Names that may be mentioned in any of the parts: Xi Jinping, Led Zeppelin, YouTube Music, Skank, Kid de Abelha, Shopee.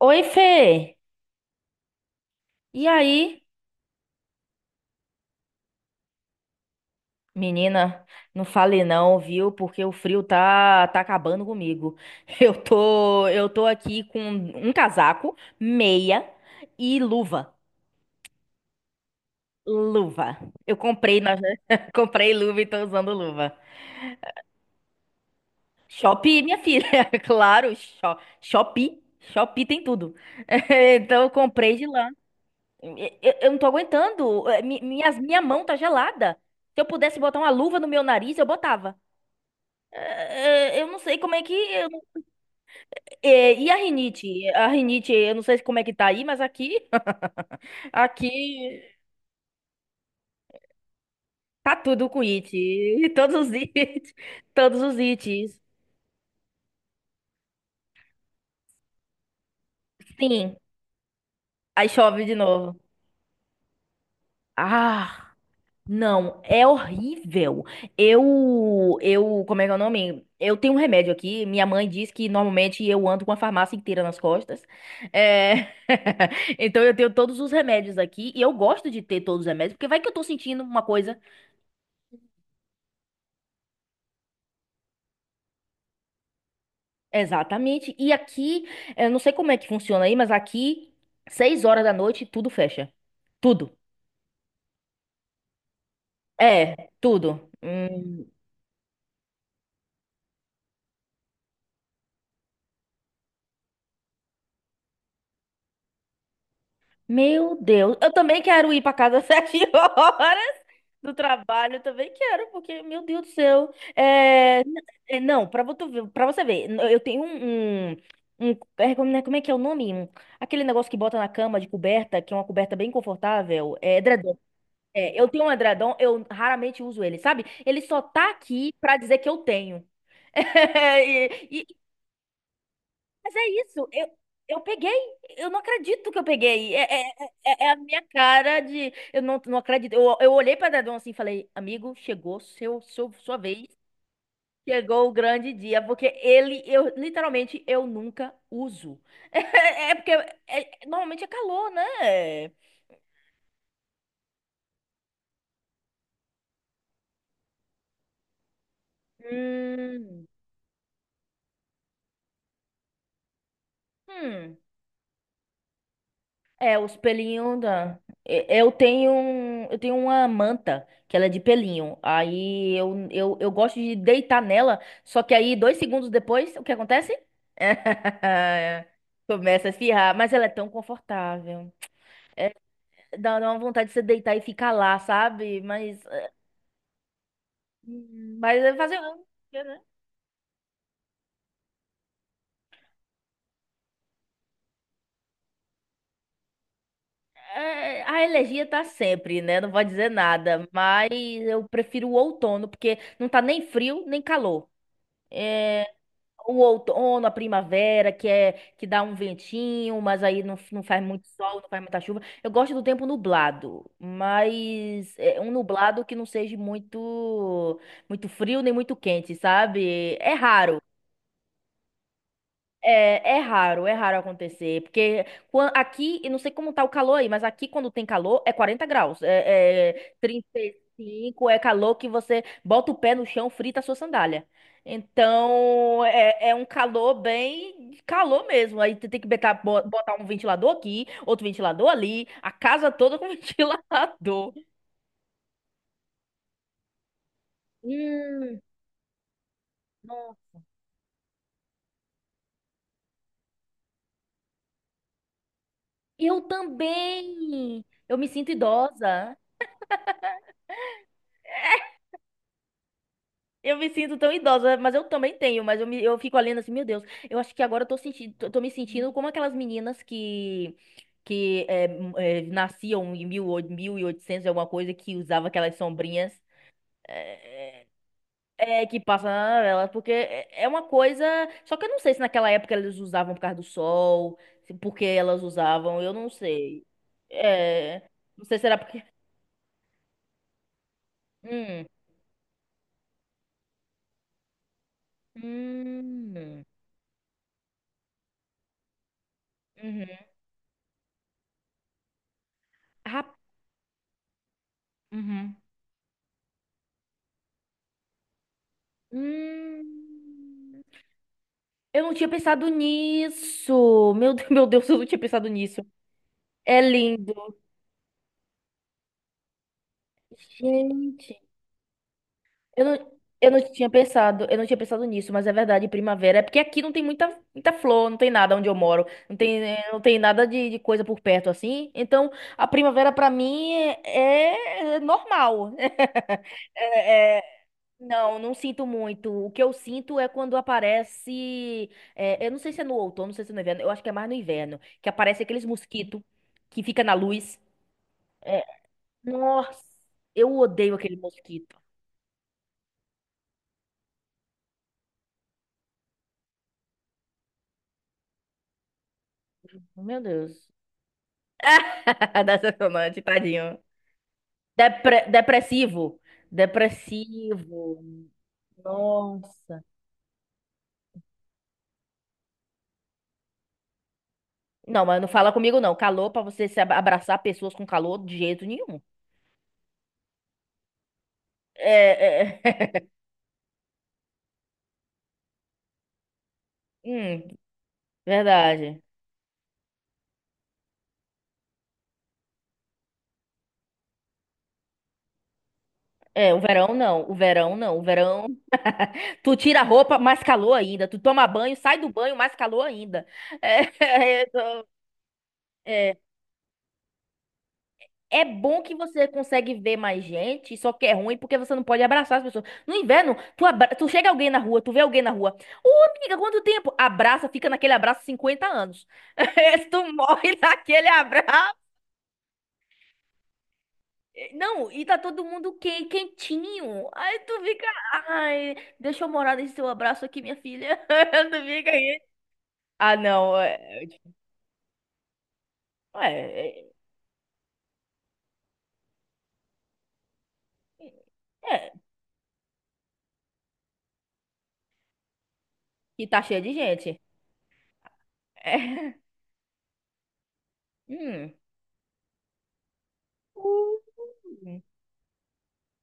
Oi, Fê. E aí? Menina, não fale não, viu? Porque o frio tá acabando comigo. Eu tô aqui com um casaco, meia e luva. Luva. Eu comprei na comprei luva e tô usando luva. Shopee, minha filha, claro, Shopee. Shopee tem tudo. Então eu comprei de lá. Eu, eu não tô aguentando. Minha mão tá gelada. Se eu pudesse botar uma luva no meu nariz, eu botava. Eu não sei como é que, eu não- é, e a rinite? A rinite, eu não sei como é que tá aí, mas aqui, aqui tá tudo com it. E todos os it, todos os ites. Sim, aí chove de novo. Ah, não, é horrível. Eu, como é que é o nome? Eu tenho um remédio aqui. Minha mãe diz que normalmente eu ando com a farmácia inteira nas costas. É... Então eu tenho todos os remédios aqui e eu gosto de ter todos os remédios, porque vai que eu tô sentindo uma coisa. Exatamente. E aqui, eu não sei como é que funciona aí, mas aqui, 6 horas da noite, tudo fecha. Tudo. É, tudo. Meu Deus. Eu também quero ir para casa às 7 horas do trabalho. Eu também quero, porque, meu Deus do céu. Não, para você ver, pra você ver, n- eu tenho um, como é que é o nome? Aquele negócio que bota na cama de coberta, que é uma coberta bem confortável. É edredom. É, eu tenho um edredom, eu raramente uso ele, sabe? Ele só tá aqui pra dizer que eu tenho. E- e- mas é isso, eu peguei, eu não acredito que eu peguei. É a minha cara de. Eu não acredito. Eu olhei pra edredom assim e falei, amigo, chegou sua vez. Chegou o grande dia, porque ele, eu literalmente, eu nunca uso. É, porque normalmente é calor, né? Hum, hum. É, os pelinhos da. Eu tenho uma manta que ela é de pelinho. Aí eu gosto de deitar nela, só que aí 2 segundos depois, o que acontece? Começa a espirrar, mas ela é tão confortável. É, dá uma vontade de você deitar e ficar lá, sabe? Mas é fazer o quê, né? É, a alergia tá sempre, né? Não vou dizer nada, mas eu prefiro o outono porque não tá nem frio nem calor. O outono, a primavera, que é que dá um ventinho, mas aí não faz muito sol, não faz muita chuva. Eu gosto do tempo nublado, mas é um nublado que não seja muito muito frio nem muito quente, sabe? É raro. É raro acontecer, porque aqui, eu não sei como tá o calor aí, mas aqui quando tem calor é 40 graus, 35, é calor que você bota o pé no chão, frita a sua sandália. Então, é um calor bem calor mesmo, aí tu tem que botar um ventilador aqui, outro ventilador ali, a casa toda com ventilador. Hum, nossa. Eu também! Eu me sinto idosa. Eu me sinto tão idosa, mas eu também tenho, eu fico olhando assim, meu Deus, eu acho que agora eu tô me sentindo como aquelas meninas que nasciam em 1800 e alguma coisa que usava aquelas sombrinhas, é, que passa na novela, porque é uma coisa, só que eu não sei se naquela época elas usavam por causa do sol, porque elas usavam, eu não sei. É, não sei se era porque Hum. Hum. Uhum. Rap- Uhum. Hum, eu não tinha pensado nisso. Meu Deus. Meu Deus, eu não tinha pensado nisso. É lindo. Gente, eu não, eu não tinha pensado nisso, mas é verdade, primavera. É porque aqui não tem muita flor, não tem nada onde eu moro. Não tem nada de coisa por perto assim. Então, a primavera pra mim é normal. É, não sinto muito. O que eu sinto é quando aparece. Eu não sei se é no outono, não sei se é no inverno. Eu acho que é mais no inverno. Que aparece aqueles mosquitos que fica na luz. É, nossa, eu odeio aquele mosquito. Meu Deus. Decepcionante, tadinho. Depressivo. Depressivo. Nossa. Não, mas não fala comigo, não. Calor pra você se abraçar pessoas com calor de jeito nenhum. É... Hum, verdade. É, o verão não, o verão não, o verão. Tu tira a roupa, mais calor ainda. Tu toma banho, sai do banho, mais calor ainda. É, é, tô- é. É bom que você consegue ver mais gente, só que é ruim porque você não pode abraçar as pessoas. No inverno, tu chega alguém na rua, tu vê alguém na rua. Ô, amiga, quanto tempo? Abraça, fica naquele abraço 50 anos. Tu morre naquele abraço. Não, e tá todo mundo quentinho. Aí tu fica, ai, deixa eu morar nesse seu abraço aqui, minha filha. Tu fica aí. Ah, não, é, é, é, que tá cheio de gente. É. Hum. Uh.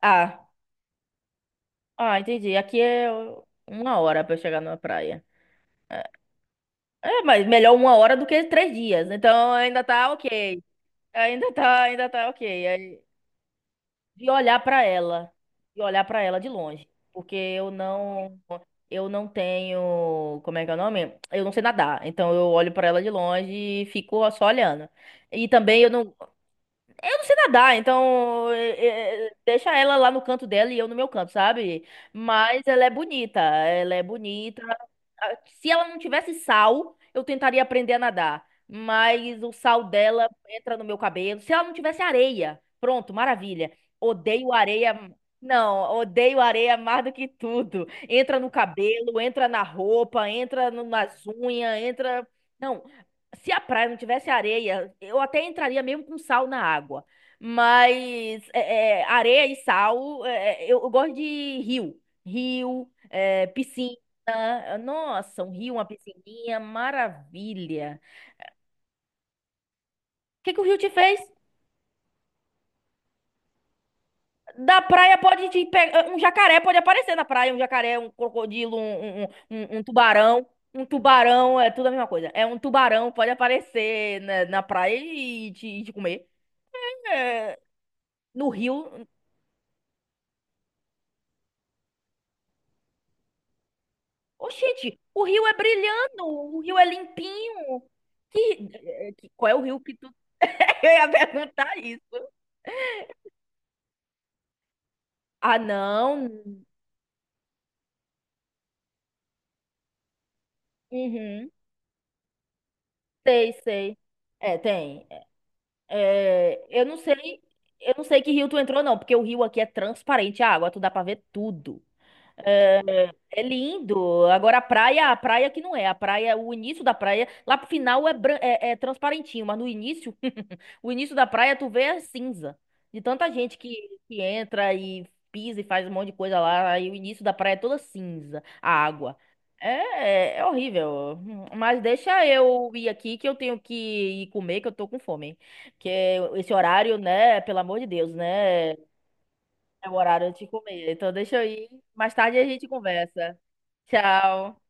Ah, ah, entendi. Aqui é 1 hora pra eu chegar numa praia. É, mas melhor 1 hora do que 3 dias. Então ainda tá ok. Ainda tá ok. de olhar para ela, de olhar para ela de longe, porque eu não tenho, como é que é o nome? Eu não sei nadar, então eu olho para ela de longe e fico só olhando. E também eu não sei nadar, então deixa ela lá no canto dela e eu no meu canto, sabe? Mas ela é bonita, ela é bonita. Ah, se ela não tivesse sal, eu tentaria aprender a nadar. Mas o sal dela entra no meu cabelo. Se ela não tivesse areia, pronto, maravilha. Odeio areia. Não, odeio areia mais do que tudo. Entra no cabelo, entra na roupa, entra nas unhas, entra. Não, se a praia não tivesse areia, eu até entraria mesmo com sal na água. Mas areia e sal, eu gosto de rio. Rio, piscina. Nossa, um rio, uma piscininha, maravilha. O que que o rio te fez? Da praia pode te pegar. Um jacaré pode aparecer na praia. Um jacaré, um crocodilo, um tubarão. Um tubarão, é tudo a mesma coisa. É um tubarão, pode aparecer na praia e e te comer. É, no rio. Oxente, o rio é brilhando, o rio é limpinho. Qual é o rio que tu. Eu ia perguntar isso. Ah, não. Uhum. Sei, sei. É, tem. É, eu não sei que rio tu entrou, não, porque o rio aqui é transparente a água, tu dá pra ver tudo. É, é lindo. Agora a praia que não é. A praia, o início da praia, lá pro final é transparentinho, mas no início, o início da praia tu vê é cinza. De tanta gente que entra e pisa e faz um monte de coisa lá, aí o início da praia é toda cinza, a água. É, é horrível. Mas deixa eu ir aqui que eu tenho que ir comer, que eu tô com fome. Que é esse horário, né, pelo amor de Deus, né? É o horário de comer. Então deixa eu ir. Mais tarde a gente conversa. Tchau.